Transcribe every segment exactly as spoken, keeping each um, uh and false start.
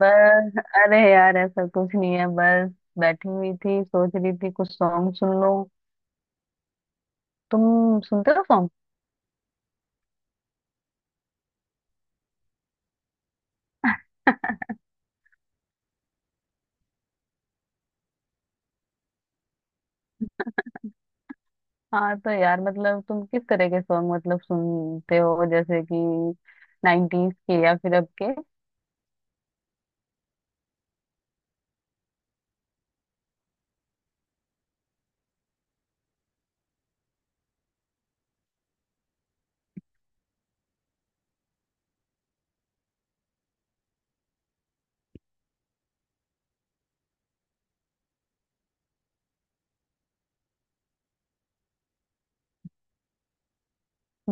बस अरे यार ऐसा कुछ नहीं है। बस बैठी हुई थी, सोच रही थी कुछ सॉन्ग सुन लो। तुम सुनते हो सॉन्ग? हाँ तो यार, मतलब तुम किस तरह के सॉन्ग मतलब सुनते हो? जैसे कि नाइनटीज के या फिर अब के?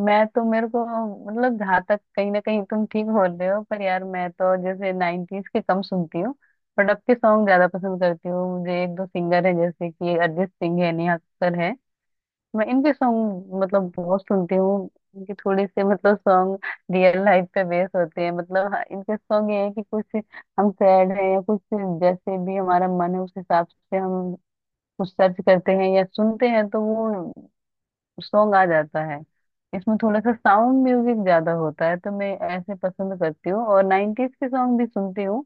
मैं तो मेरे को मतलब, जहाँ तक कहीं ना कहीं तुम ठीक बोल रहे हो, पर यार मैं तो जैसे नाइनटीज के कम सुनती हूँ बट अब के सॉन्ग ज्यादा पसंद करती हूँ। मुझे एक दो सिंगर है जैसे कि अरिजीत सिंह है, नेहा कक्कड़ है। मैं इनके सॉन्ग मतलब बहुत सुनती हूँ। इनके थोड़े से मतलब सॉन्ग रियल लाइफ पे बेस होते हैं, मतलब हाँ, इनके सॉन्ग ये है कि कुछ हम सैड हैं या कुछ जैसे भी हमारा मन है उस हिसाब से हम कुछ सर्च करते हैं या सुनते हैं तो वो सॉन्ग आ जाता है। इसमें थोड़ा सा साउंड म्यूजिक ज्यादा होता है तो मैं ऐसे पसंद करती हूँ। और नाइन्टीज के सॉन्ग भी सुनती हूँ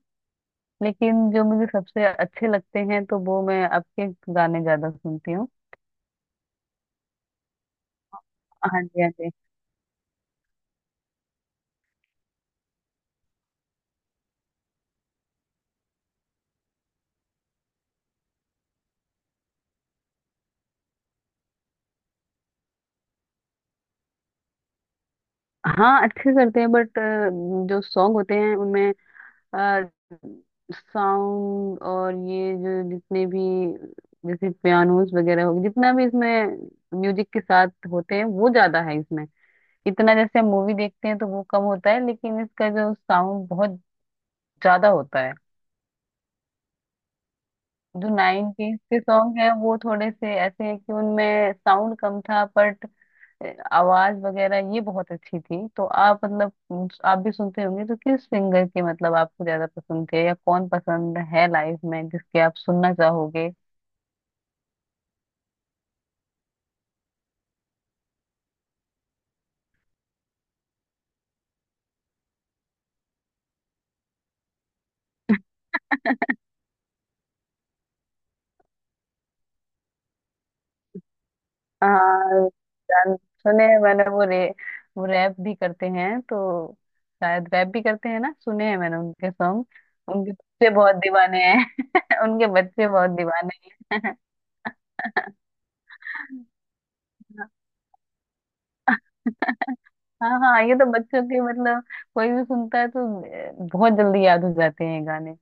लेकिन जो मुझे सबसे अच्छे लगते हैं तो वो मैं अब के गाने ज्यादा सुनती हूँ। हाँ जी हाँ जी। हाँ अच्छे करते हैं बट जो सॉन्ग होते हैं उनमें साउंड और ये जो जितने भी जैसे पियानोस वगैरह हो जितना भी इसमें म्यूजिक के साथ होते हैं वो ज्यादा है इसमें। इतना जैसे हम मूवी देखते हैं तो वो कम होता है लेकिन इसका जो साउंड बहुत ज्यादा होता है। जो नाइनटीज के सॉन्ग है वो थोड़े से ऐसे है कि उनमें साउंड कम था बट ए, आवाज वगैरह ये बहुत अच्छी थी। तो आप मतलब उम, आप भी सुनते होंगे तो किस सिंगर की मतलब आपको ज्यादा पसंद थे या कौन पसंद है लाइफ में जिसके आप सुनना चाहोगे? हाँ, गान सुने हैं मैंने वो रे। वो रैप भी करते हैं तो शायद रैप भी करते हैं ना। सुने हैं मैंने उनके सॉन्ग। उनके बच्चे बहुत दीवाने हैं उनके बच्चे बहुत दीवाने हैं। हाँ हाँ, ये तो बच्चों के मतलब कोई भी सुनता है तो अ, बहुत जल्दी याद हो जाते हैं गाने।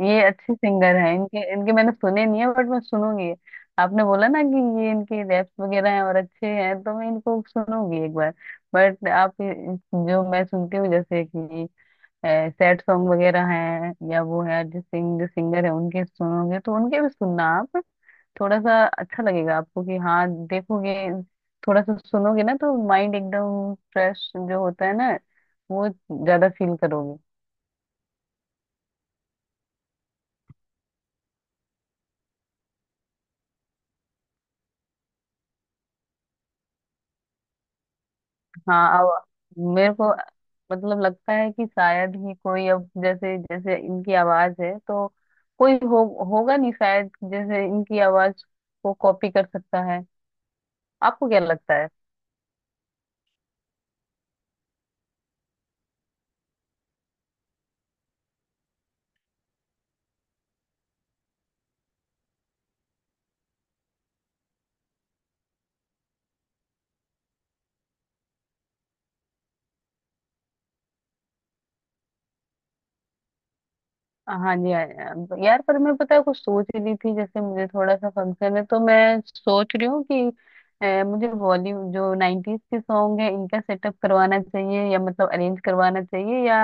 ये अच्छे सिंगर हैं, इनके इनके मैंने सुने नहीं है बट मैं सुनूंगी। आपने बोला ना कि ये इनके रैप्स वगैरह हैं और अच्छे हैं तो मैं इनको सुनूंगी एक बार। बट आप ये- जो मैं सुनती हूँ जैसे कि सैड सॉन्ग वगैरह हैं या वो है अरिजीत सिंह जो सिंगर है उनके सुनोगे तो उनके भी सुनना आप। थोड़ा सा अच्छा लगेगा आपको कि हाँ, देखोगे। थोड़ा सा सुनोगे ना तो माइंड एकदम फ्रेश जो होता है ना वो ज्यादा फील करोगे। हाँ अब मेरे को मतलब लगता है कि शायद ही कोई अब जैसे जैसे इनकी आवाज है तो कोई हो होगा नहीं शायद जैसे इनकी आवाज को कॉपी कर सकता है। आपको क्या लगता है? हाँ जी हाँ जी, हाँ। यार पर मैं पता है कुछ सोच ही रही थी, जैसे मुझे थोड़ा सा फंक्शन है तो मैं सोच रही हूँ कि अ, मुझे बॉलीवुड जो नाइन्टीज के सॉन्ग है इनका सेटअप करवाना चाहिए या मतलब अरेंज करवाना चाहिए या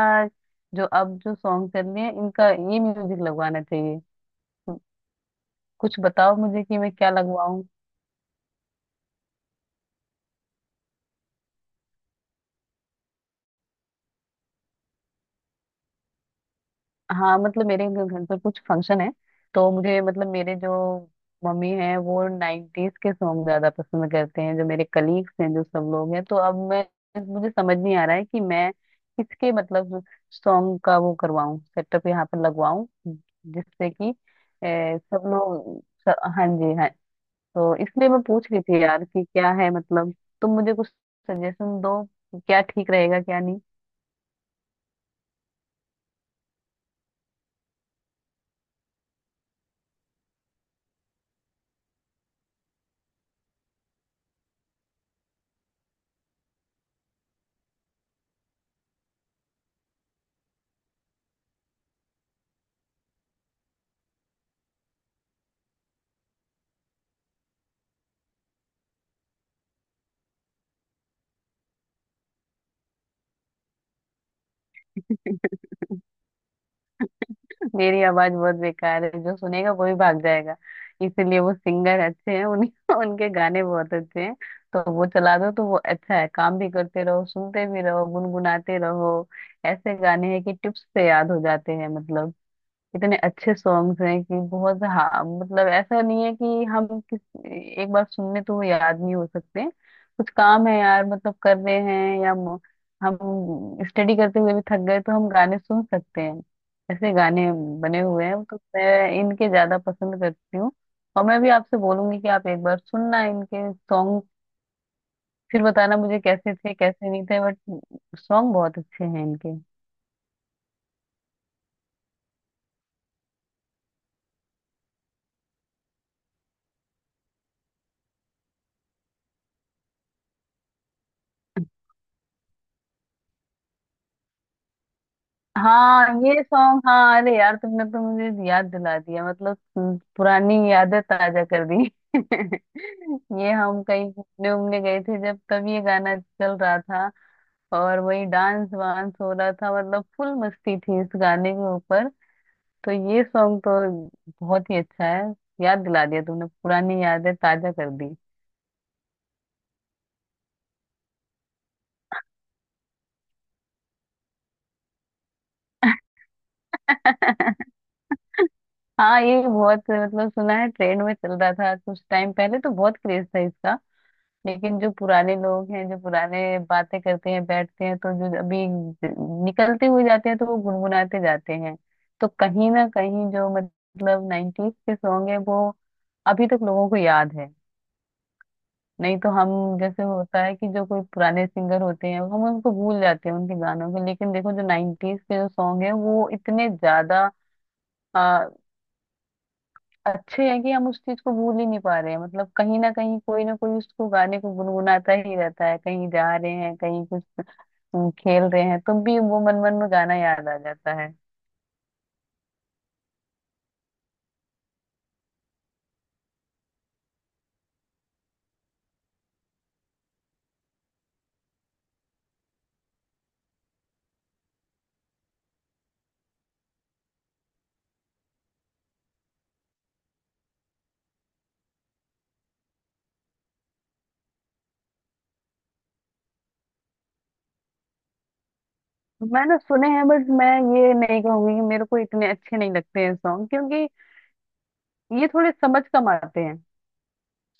जो अब जो सॉन्ग चल रहे हैं इनका ये म्यूजिक लगवाना चाहिए। कुछ बताओ मुझे कि मैं क्या लगवाऊं। हाँ मतलब मेरे घ- घर पर कुछ फंक्शन है तो मुझे मतलब मेरे जो मम्मी हैं वो नाइन्टीज के सॉन्ग ज्यादा पसंद करते हैं, जो मेरे कलीग्स हैं जो सब लोग हैं तो अब मैं मुझे समझ नहीं आ रहा है कि मैं किसके मतलब सॉन्ग का वो करवाऊं सेटअप यहाँ पर लगवाऊं जिससे कि ए, सब लोग स- हाँ जी हाँ। तो इसलिए मैं पूछ रही थी यार कि क्या है मतलब तुम मुझे कुछ सजेशन दो कि क्या ठीक रहेगा क्या। मेरी आवाज बहुत बेकार है, जो सुनेगा वो ही भाग जाएगा। इसीलिए वो सिंगर अच्छे हैं उन उनके गाने बहुत अच्छे हैं। तो वो चला दो तो वो अच्छा है, काम भी करते रहो सुनते भी रहो गुनगुनाते रहो। ऐसे गाने हैं कि टिप्स पे याद हो जाते हैं, मतलब इतने अच्छे सॉन्ग्स हैं कि बहुत हाँ मतलब ऐसा नहीं है कि हम किस एक बार सुनने तो वो याद नहीं हो सकते। कुछ काम है यार, मतलब कर रहे हैं या म- हम स्टडी करते हुए भी थक गए तो हम गाने सुन सकते हैं। ऐसे गाने बने हुए हैं तो मैं इनके ज्यादा पसंद करती हूँ। और मैं भी आपसे बोलूंगी कि आप एक बार सुनना इनके सॉन्ग, फिर बताना मुझे कैसे थे कैसे नहीं थे बट सॉन्ग बहुत अच्छे हैं इनके। हाँ ये सॉन्ग, हाँ अरे यार तुमने तो मुझे याद दिला दिया, मतलब तुम पुरानी यादें ताजा कर दी। ये हम कहीं घूमने उमने गए थे जब तब ये गाना चल रहा था और वही डांस वांस हो रहा था, मतलब फुल मस्ती थी इस गाने के ऊपर। तो ये सॉन्ग तो बहुत ही अच्छा है। याद दिला दिया तुमने पुरानी यादें ताजा कर दी। हाँ ये बहुत मतलब सुना है, ट्रेंड में चल रहा था कुछ टाइम पहले तो बहुत क्रेज था इसका। लेकिन जो पुराने लोग हैं जो पुराने बातें करते हैं बैठते हैं तो जो अभी निकलते हुए जाते हैं तो वो गुनगुनाते जाते हैं। तो कहीं ना कहीं जो मतलब नाइन्टीज के सॉन्ग है वो अभी तक लोगों को याद है। नहीं तो हम जैसे होता है कि जो कोई पुराने सिंगर होते हैं हम उनको भूल जाते हैं उनके गानों को, लेकिन देखो जो नाइन्टीज के जो सॉन्ग है वो इतने ज्यादा आ, अच्छे हैं कि हम उस चीज को भूल ही नहीं पा रहे हैं, मतलब कहीं ना कहीं कोई ना कोई उसको गाने को गुनगुनाता ही रहता है, कहीं जा रहे हैं कहीं कुछ हम खेल रहे हैं तुम भी वो मन मन में गाना याद आ जाता है। मैंने सुने हैं बट मैं ये नहीं कहूंगी कि मेरे को इतने अच्छे नहीं लगते हैं सॉन्ग क्योंकि ये थोड़े समझ कम आते हैं।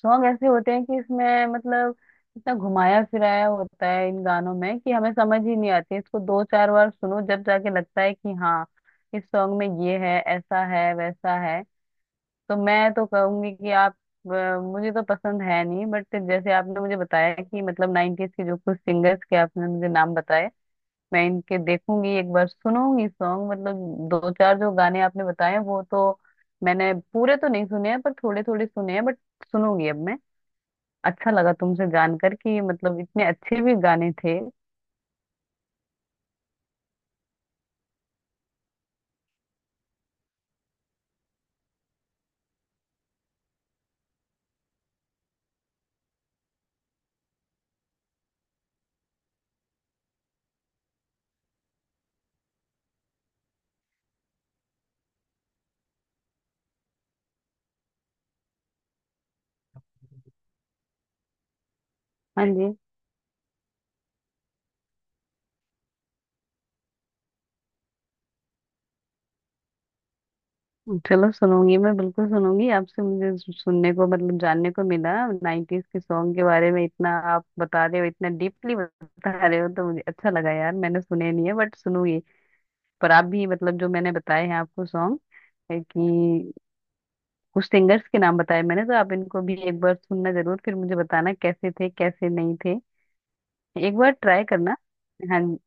सॉन्ग ऐसे होते हैं कि इसमें मतलब इतना घुमाया फिराया होता है इन गानों में कि हमें समझ ही नहीं आती, इसको दो चार बार सुनो जब जाके लगता है कि हाँ इस सॉन्ग में ये है ऐसा है वैसा है। तो मैं तो कहूंगी कि आप अ, मुझे तो पसंद है नहीं बट जैसे आपने मुझे बताया कि मतलब नाइनटीज के जो कुछ सिंगर्स के आपने मुझे नाम बताए मैं इनके देखूंगी एक बार सुनूंगी सॉन्ग, मतलब दो चार जो गाने आपने बताए वो तो मैंने पूरे तो नहीं सुने हैं पर थोड़े थोड़े सुने हैं बट सुनूंगी अब मैं। अच्छा लगा तुमसे जानकर कि मतलब इतने अच्छे भी गाने थे। हाँ जी। चलो सुनूंगी मैं बिल्कुल सुनूंगी, आपसे मुझे सु- सुनने को मतलब जानने को मिला नाइन्टीज के सॉन्ग के बारे में। इतना आप बता रहे हो इतना डीपली बता रहे हो तो मुझे अच्छा लगा यार, मैंने सुने नहीं है बट सुनूंगी। पर आप भी मतलब जो मैंने बताए हैं आपको सॉन्ग, कि कुछ सिंगर्स के नाम बताए मैंने, तो आप इनको भी एक बार सुनना जरूर फिर मुझे बताना कैसे थे कैसे नहीं थे। एक बार ट्राई करना। हाँ जी।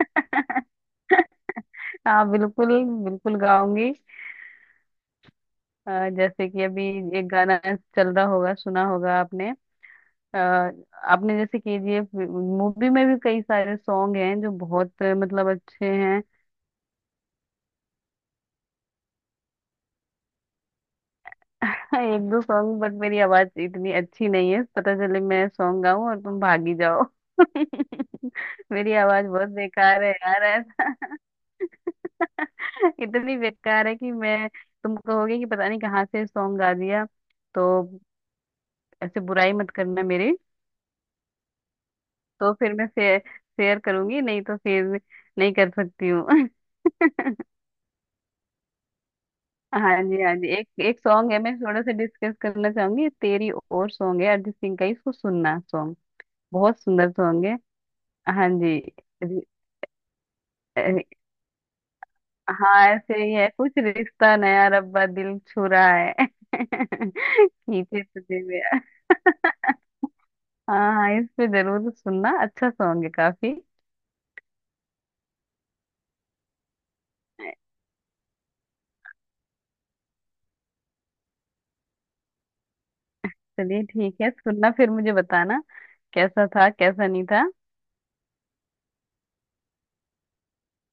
हाँ बिल्कुल, बिल्कुल गाऊंगी। अ, जैसे कि अभी एक गाना चल रहा होगा, सुना होगा आपने। अ, आपने जैसे केजीएफ मूवी में भी कई सारे सॉन्ग हैं जो बहुत अ, मतलब अच्छे हैं। एक दो सॉन्ग बट मेरी आवाज इतनी अच्छी नहीं है, पता चले मैं सॉन्ग गाऊं और तुम भागी जाओ। मेरी आवाज बहुत बेकार है यार, ऐसा इतनी बेकार है कि मैं तुम कहोगे कि पता नहीं कहाँ से सॉन्ग गा दिया। तो ऐसे बुराई मत करना मेरी। तो फिर मैं शेयर शेयर करूंगी, नहीं तो फिर नहीं कर सकती हूँ। हाँ जी हाँ जी, एक एक सॉन्ग है मैं थोड़ा सा डिस्कस करना चाहूंगी तेरी और सॉन्ग है अरिजीत सिंह का, इसको सुनना सॉन्ग, बहुत सुंदर सॉन्ग है। हाँ जी रि- अ, हाँ ऐसे ही है कुछ रिश्ता नया रब्बा दिल छू रहा है खींचे तुझे मेरा। हाँ हाँ, इस पे जरूर सुनना, अच्छा सॉन्ग है काफी। चलिए ठीक है, सुनना फिर मुझे बताना कैसा था कैसा नहीं था।